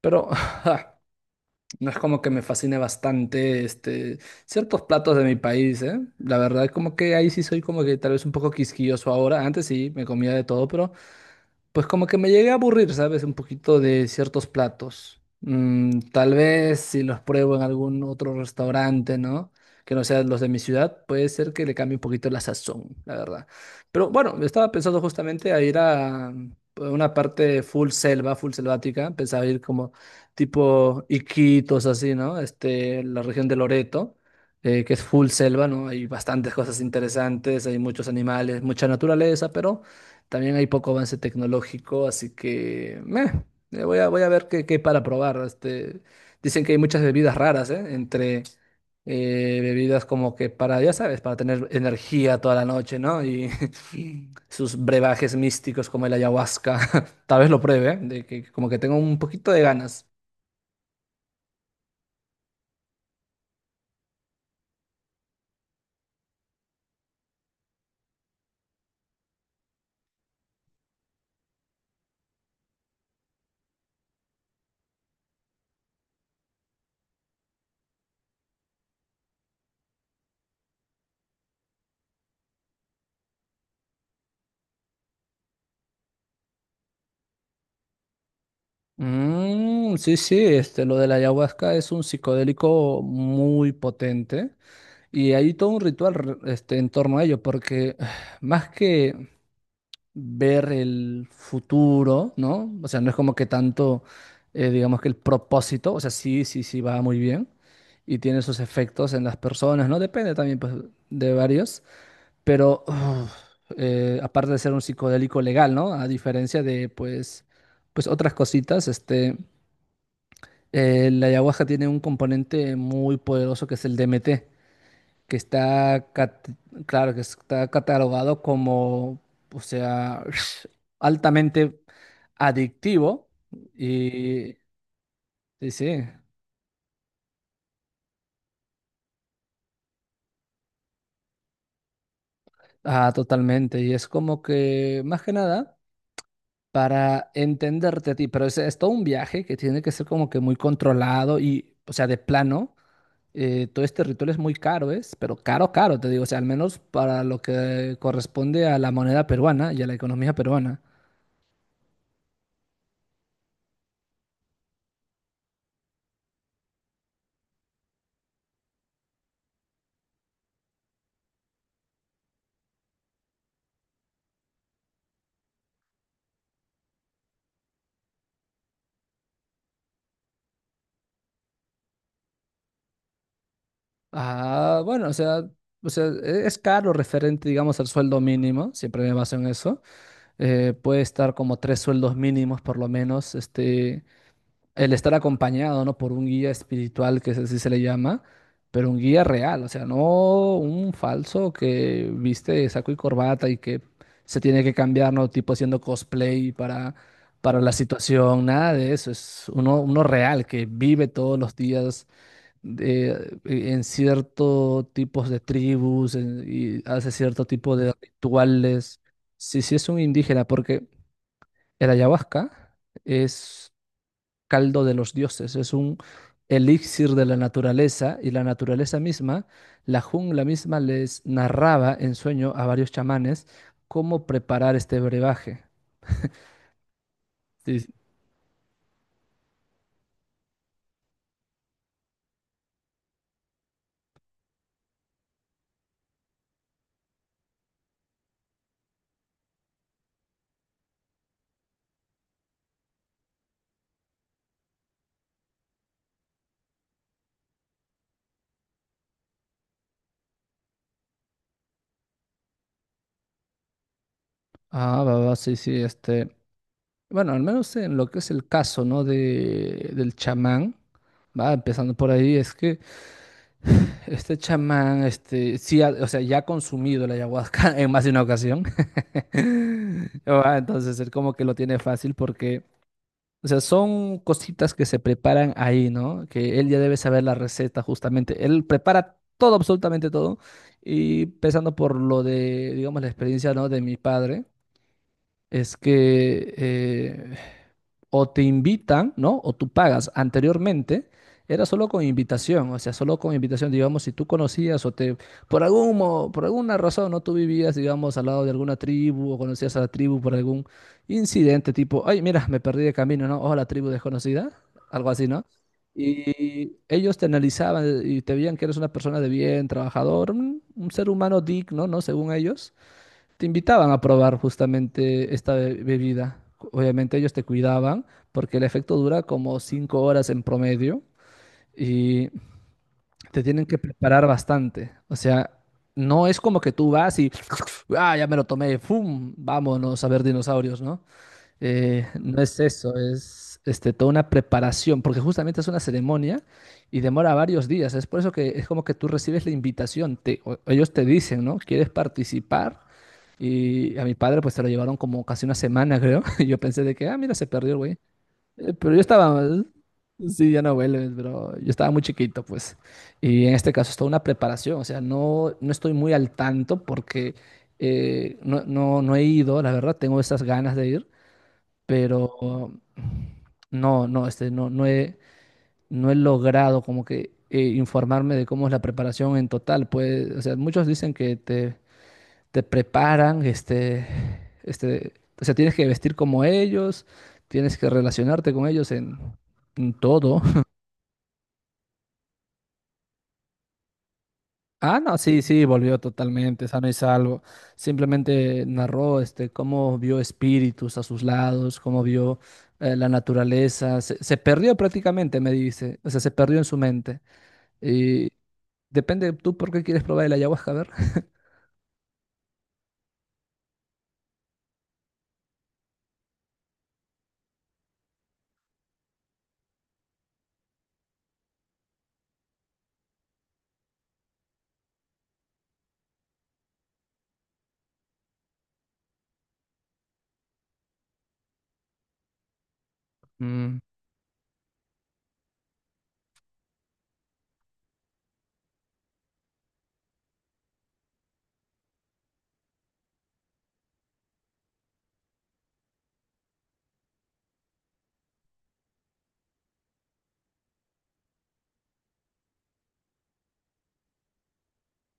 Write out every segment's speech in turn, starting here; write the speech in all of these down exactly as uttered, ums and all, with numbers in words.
Pero no es como que me fascine bastante este, ciertos platos de mi país, ¿eh? La verdad, como que ahí sí soy como que tal vez un poco quisquilloso ahora. Antes sí, me comía de todo, pero pues como que me llegué a aburrir, ¿sabes? Un poquito de ciertos platos. Mm, tal vez si los pruebo en algún otro restaurante, ¿no? Que no sean los de mi ciudad, puede ser que le cambie un poquito la sazón, la verdad. Pero bueno, estaba pensando justamente a ir a mm, una parte full selva, full selvática. Pensaba ir como tipo Iquitos, así, ¿no? Este, la región de Loreto, eh, que es full selva, ¿no? Hay bastantes cosas interesantes, hay muchos animales, mucha naturaleza, pero... También hay poco avance tecnológico, así que meh, eh, voy a, voy a ver qué, qué hay para probar. Este, dicen que hay muchas bebidas raras, ¿eh? Entre eh, bebidas como que para, ya sabes, para tener energía toda la noche, ¿no? Y sus brebajes místicos como el ayahuasca. Tal vez lo pruebe, ¿eh? De que como que tengo un poquito de ganas. Mm, sí, sí, este, lo de la ayahuasca es un psicodélico muy potente. Y hay todo un ritual re- este, en torno a ello, porque más que ver el futuro, ¿no? O sea, no es como que tanto, eh, digamos que el propósito, o sea, sí, sí, sí va muy bien y tiene sus efectos en las personas, ¿no? Depende también, pues, de varios, pero uf, eh, aparte de ser un psicodélico legal, ¿no? A diferencia de, pues, pues otras cositas, este, eh, la ayahuasca tiene un componente muy poderoso que es el D M T que está, cat- claro, que está catalogado como, o sea, altamente adictivo y sí, sí, ah, totalmente. Y es como que, más que nada, para entenderte a ti, pero es, es todo un viaje que tiene que ser como que muy controlado y, o sea, de plano. eh, todo este ritual es muy caro, ¿es? Pero caro, caro, te digo, o sea, al menos para lo que corresponde a la moneda peruana y a la economía peruana. Ah, bueno, o sea, o sea, e- es caro referente, digamos, al sueldo mínimo, siempre me baso en eso. Eh, puede estar como tres sueldos mínimos por lo menos, este, el estar acompañado, ¿no? Por un guía espiritual, que es así se le llama, pero un guía real, o sea, no un falso que viste saco y corbata y que se tiene que cambiar, ¿no? Tipo haciendo cosplay para, para la situación, nada de eso, es uno, uno real que vive todos los días de- e, en ciertos tipos de tribus en- y hace cierto tipo de rituales. Si si es un indígena, porque el ayahuasca es caldo de los dioses, es un elixir de la naturaleza y la naturaleza misma, la jungla misma les narraba en sueño a varios chamanes cómo preparar este brebaje. Sí, ah, va, va, sí, sí, este. Bueno, al menos en lo que es el caso, ¿no? De, del chamán, va empezando por ahí, es que este chamán, este, sí, ha- o sea, ya ha consumido la ayahuasca en más de una ocasión. Ah, entonces, él como que lo tiene fácil porque, o sea, son cositas que se preparan ahí, ¿no? Que él ya debe saber la receta justamente. Él prepara todo, absolutamente todo. Y empezando por lo de, digamos, la experiencia, ¿no? De mi padre es que eh, o te invitan, ¿no? O tú pagas. Anteriormente era solo con invitación, o sea, solo con invitación, digamos, si tú conocías o te, por algún, mo- por alguna razón, ¿no? Tú vivías, digamos, al lado de alguna tribu o conocías a la tribu por algún incidente, tipo, ay, mira, me perdí de camino, ¿no? O la tribu desconocida, algo así, ¿no? Y ellos te analizaban y te veían que eres una persona de bien, trabajador, un un ser humano digno, ¿no? Según ellos te invitaban a probar justamente esta be- bebida. Obviamente ellos te cuidaban porque el efecto dura como cinco horas en promedio y te tienen que preparar bastante. O sea, no es como que tú vas y, ah, ya me lo tomé, ¡fum! Vámonos a ver dinosaurios, ¿no? Eh, no es eso, es este, toda una preparación, porque justamente es una ceremonia y demora varios días. Es por eso que es como que tú recibes la invitación, te- o- ellos te dicen, ¿no? ¿Quieres participar? Y a mi padre pues se lo llevaron como casi una semana, creo. Y yo pensé de que, ah, mira, se perdió el güey. Eh, Pero yo estaba, sí, ya no vuelves, pero yo estaba muy chiquito, pues. Y en este caso es toda una preparación, o sea, no, no estoy muy al tanto porque eh, no, no, no he ido, la verdad, tengo esas ganas de ir pero um, no, no, este, no, no he, no he logrado como que eh, informarme de cómo es la preparación en total. Pues, o sea, muchos dicen que te, te preparan, este, este, o sea, tienes que vestir como ellos, tienes que relacionarte con ellos en, en todo. Ah, no, sí, sí, volvió totalmente sano y salvo. Simplemente narró este, cómo vio espíritus a sus lados, cómo vio eh, la naturaleza. Se, se perdió prácticamente, me dice. O sea, se perdió en su mente. Y depende, ¿tú por qué quieres probar el ayahuasca? A ver. Mm,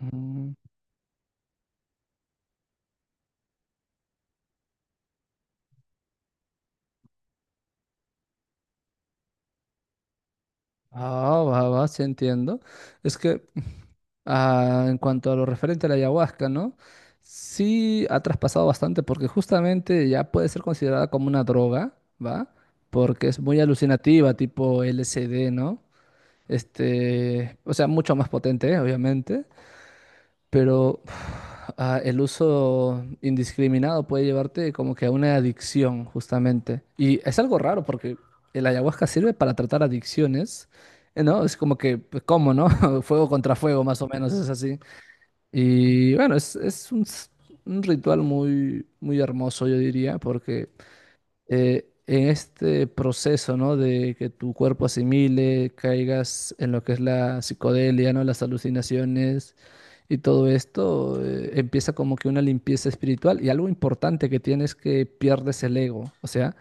mm. Ah, va, va, sí entiendo. Es que ah, en cuanto a lo referente a la ayahuasca, ¿no? Sí ha traspasado bastante porque justamente ya puede ser considerada como una droga, ¿va? Porque es muy alucinativa, tipo L S D, ¿no? Este, o sea, mucho más potente, ¿eh? Obviamente, pero ah, el uso indiscriminado puede llevarte como que a una adicción, justamente. Y es algo raro porque el ayahuasca sirve para tratar adicciones, ¿eh? ¿No? Es como que, pues, ¿cómo, no? Fuego contra fuego, más o menos, es así. Y bueno, es, es un, s- un ritual muy, muy hermoso, yo diría, porque eh, en este proceso, ¿no? De que tu cuerpo asimile, caigas en lo que es la psicodelia, ¿no? Las alucinaciones y todo esto, eh, empieza como que una limpieza espiritual. Y algo importante que tienes que pierdes el ego. O sea,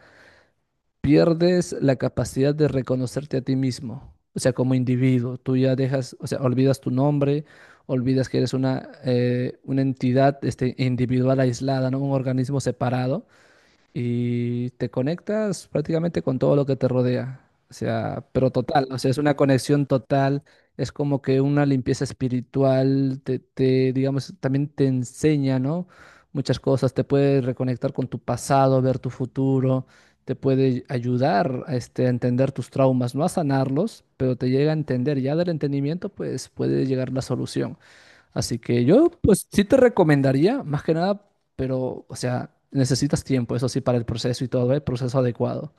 pierdes la capacidad de reconocerte a ti mismo, o sea, como individuo. Tú ya dejas, o sea, olvidas tu nombre, olvidas que eres una, eh, una entidad este, individual aislada, ¿no? Un organismo separado y te conectas prácticamente con todo lo que te rodea. O sea, pero total, o sea, es una conexión total, es como que una limpieza espiritual, te, te, digamos, también te enseña, ¿no? Muchas cosas, te puede reconectar con tu pasado, ver tu futuro, te puede ayudar a, este, a entender tus traumas, no a sanarlos, pero te llega a entender, ya del entendimiento, pues puede llegar la solución. Así que yo, pues sí te recomendaría, más que nada, pero, o sea, necesitas tiempo, eso sí, para el proceso y todo, el proceso adecuado.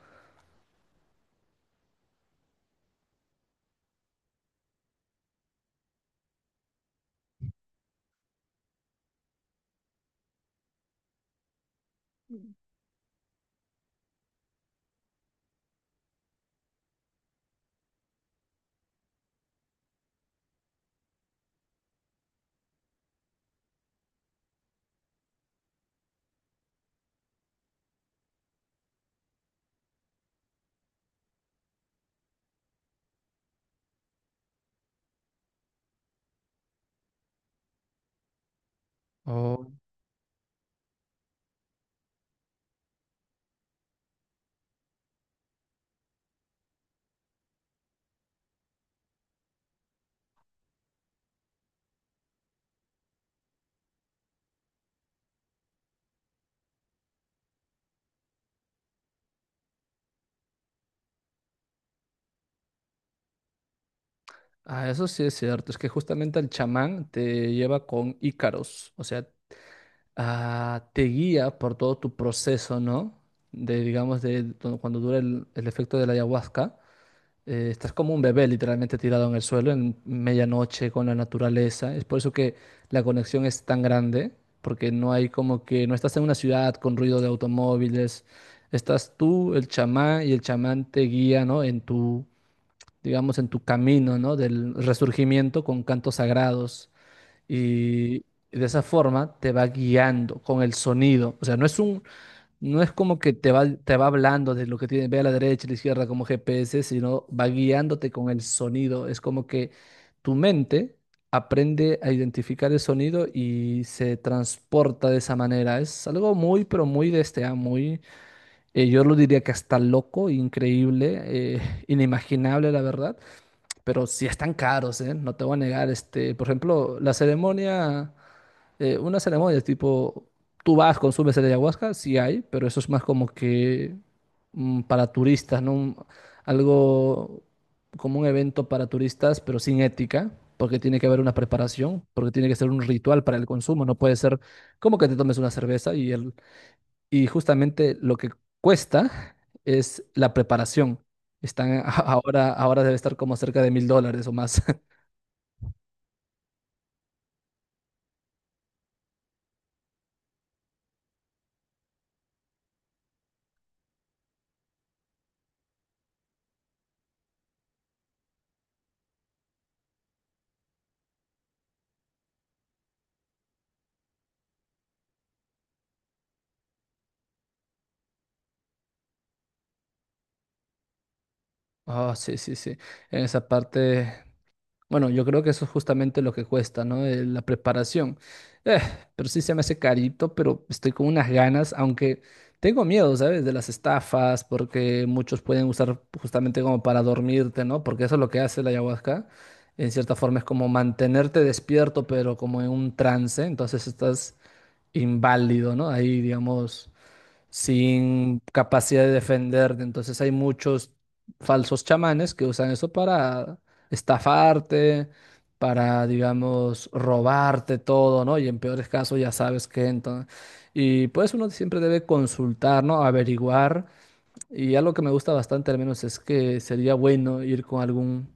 Oh, ah, eso sí es cierto, es que justamente el chamán te lleva con Ícaros, o sea, ah, te guía por todo tu proceso, ¿no? De, digamos, de cuando dura el el efecto de la ayahuasca. Eh, estás como un bebé literalmente tirado en el suelo en medianoche con la naturaleza. Es por eso que la conexión es tan grande, porque no hay como que no estás en una ciudad con ruido de automóviles. Estás tú, el chamán, y el chamán te guía, ¿no? En tu, digamos, en tu camino, ¿no? Del resurgimiento con cantos sagrados. Y de esa forma te va guiando con el sonido. O sea, no es un, no es como que te va, te va hablando de lo que tiene, ve a la derecha, a la izquierda como G P S, sino va guiándote con el sonido. Es como que tu mente aprende a identificar el sonido y se transporta de esa manera. Es algo muy, pero muy de este, ah, muy, eh, yo lo diría que hasta loco, increíble, eh, inimaginable, la verdad. Pero sí están caros, ¿eh? No te voy a negar, este, por ejemplo, la ceremonia eh, una ceremonia, tipo, tú vas, consumes el ayahuasca, sí hay, pero eso es más como que mm, para turistas, ¿no? Un- algo como un evento para turistas, pero sin ética, porque tiene que haber una preparación, porque tiene que ser un ritual para el consumo, no puede ser como que te tomes una cerveza y, el, y justamente lo que cuesta es la preparación. Están a- ahora, ahora debe estar como cerca de mil dólares o más. Ah, sí, sí, sí. En esa parte. Bueno, yo creo que eso es justamente lo que cuesta, ¿no? Eh, la preparación. Eh, pero sí se me hace carito, pero estoy con unas ganas, aunque tengo miedo, ¿sabes? De las estafas, porque muchos pueden usar justamente como para dormirte, ¿no? Porque eso es lo que hace la ayahuasca. En cierta forma es como mantenerte despierto, pero como en un trance, entonces estás inválido, ¿no? Ahí, digamos, sin capacidad de defenderte. Entonces hay muchos falsos chamanes que usan eso para estafarte, para, digamos, robarte todo, ¿no? Y en peores casos ya sabes que entonces... Y pues uno siempre debe consultar, ¿no? Averiguar. Y algo que me gusta bastante al menos es que sería bueno ir con algún...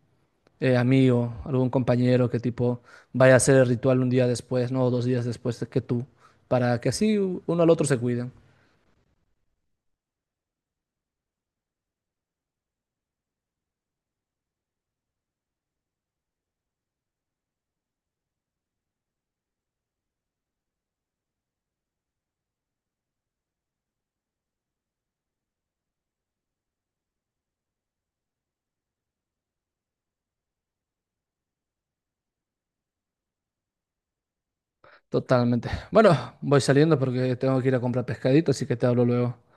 eh, amigo, algún compañero que tipo vaya a hacer el ritual un día después, ¿no? O dos días después de que tú, para que así uno al otro se cuiden. Totalmente. Bueno, voy saliendo porque tengo que ir a comprar pescadito, así que te hablo luego.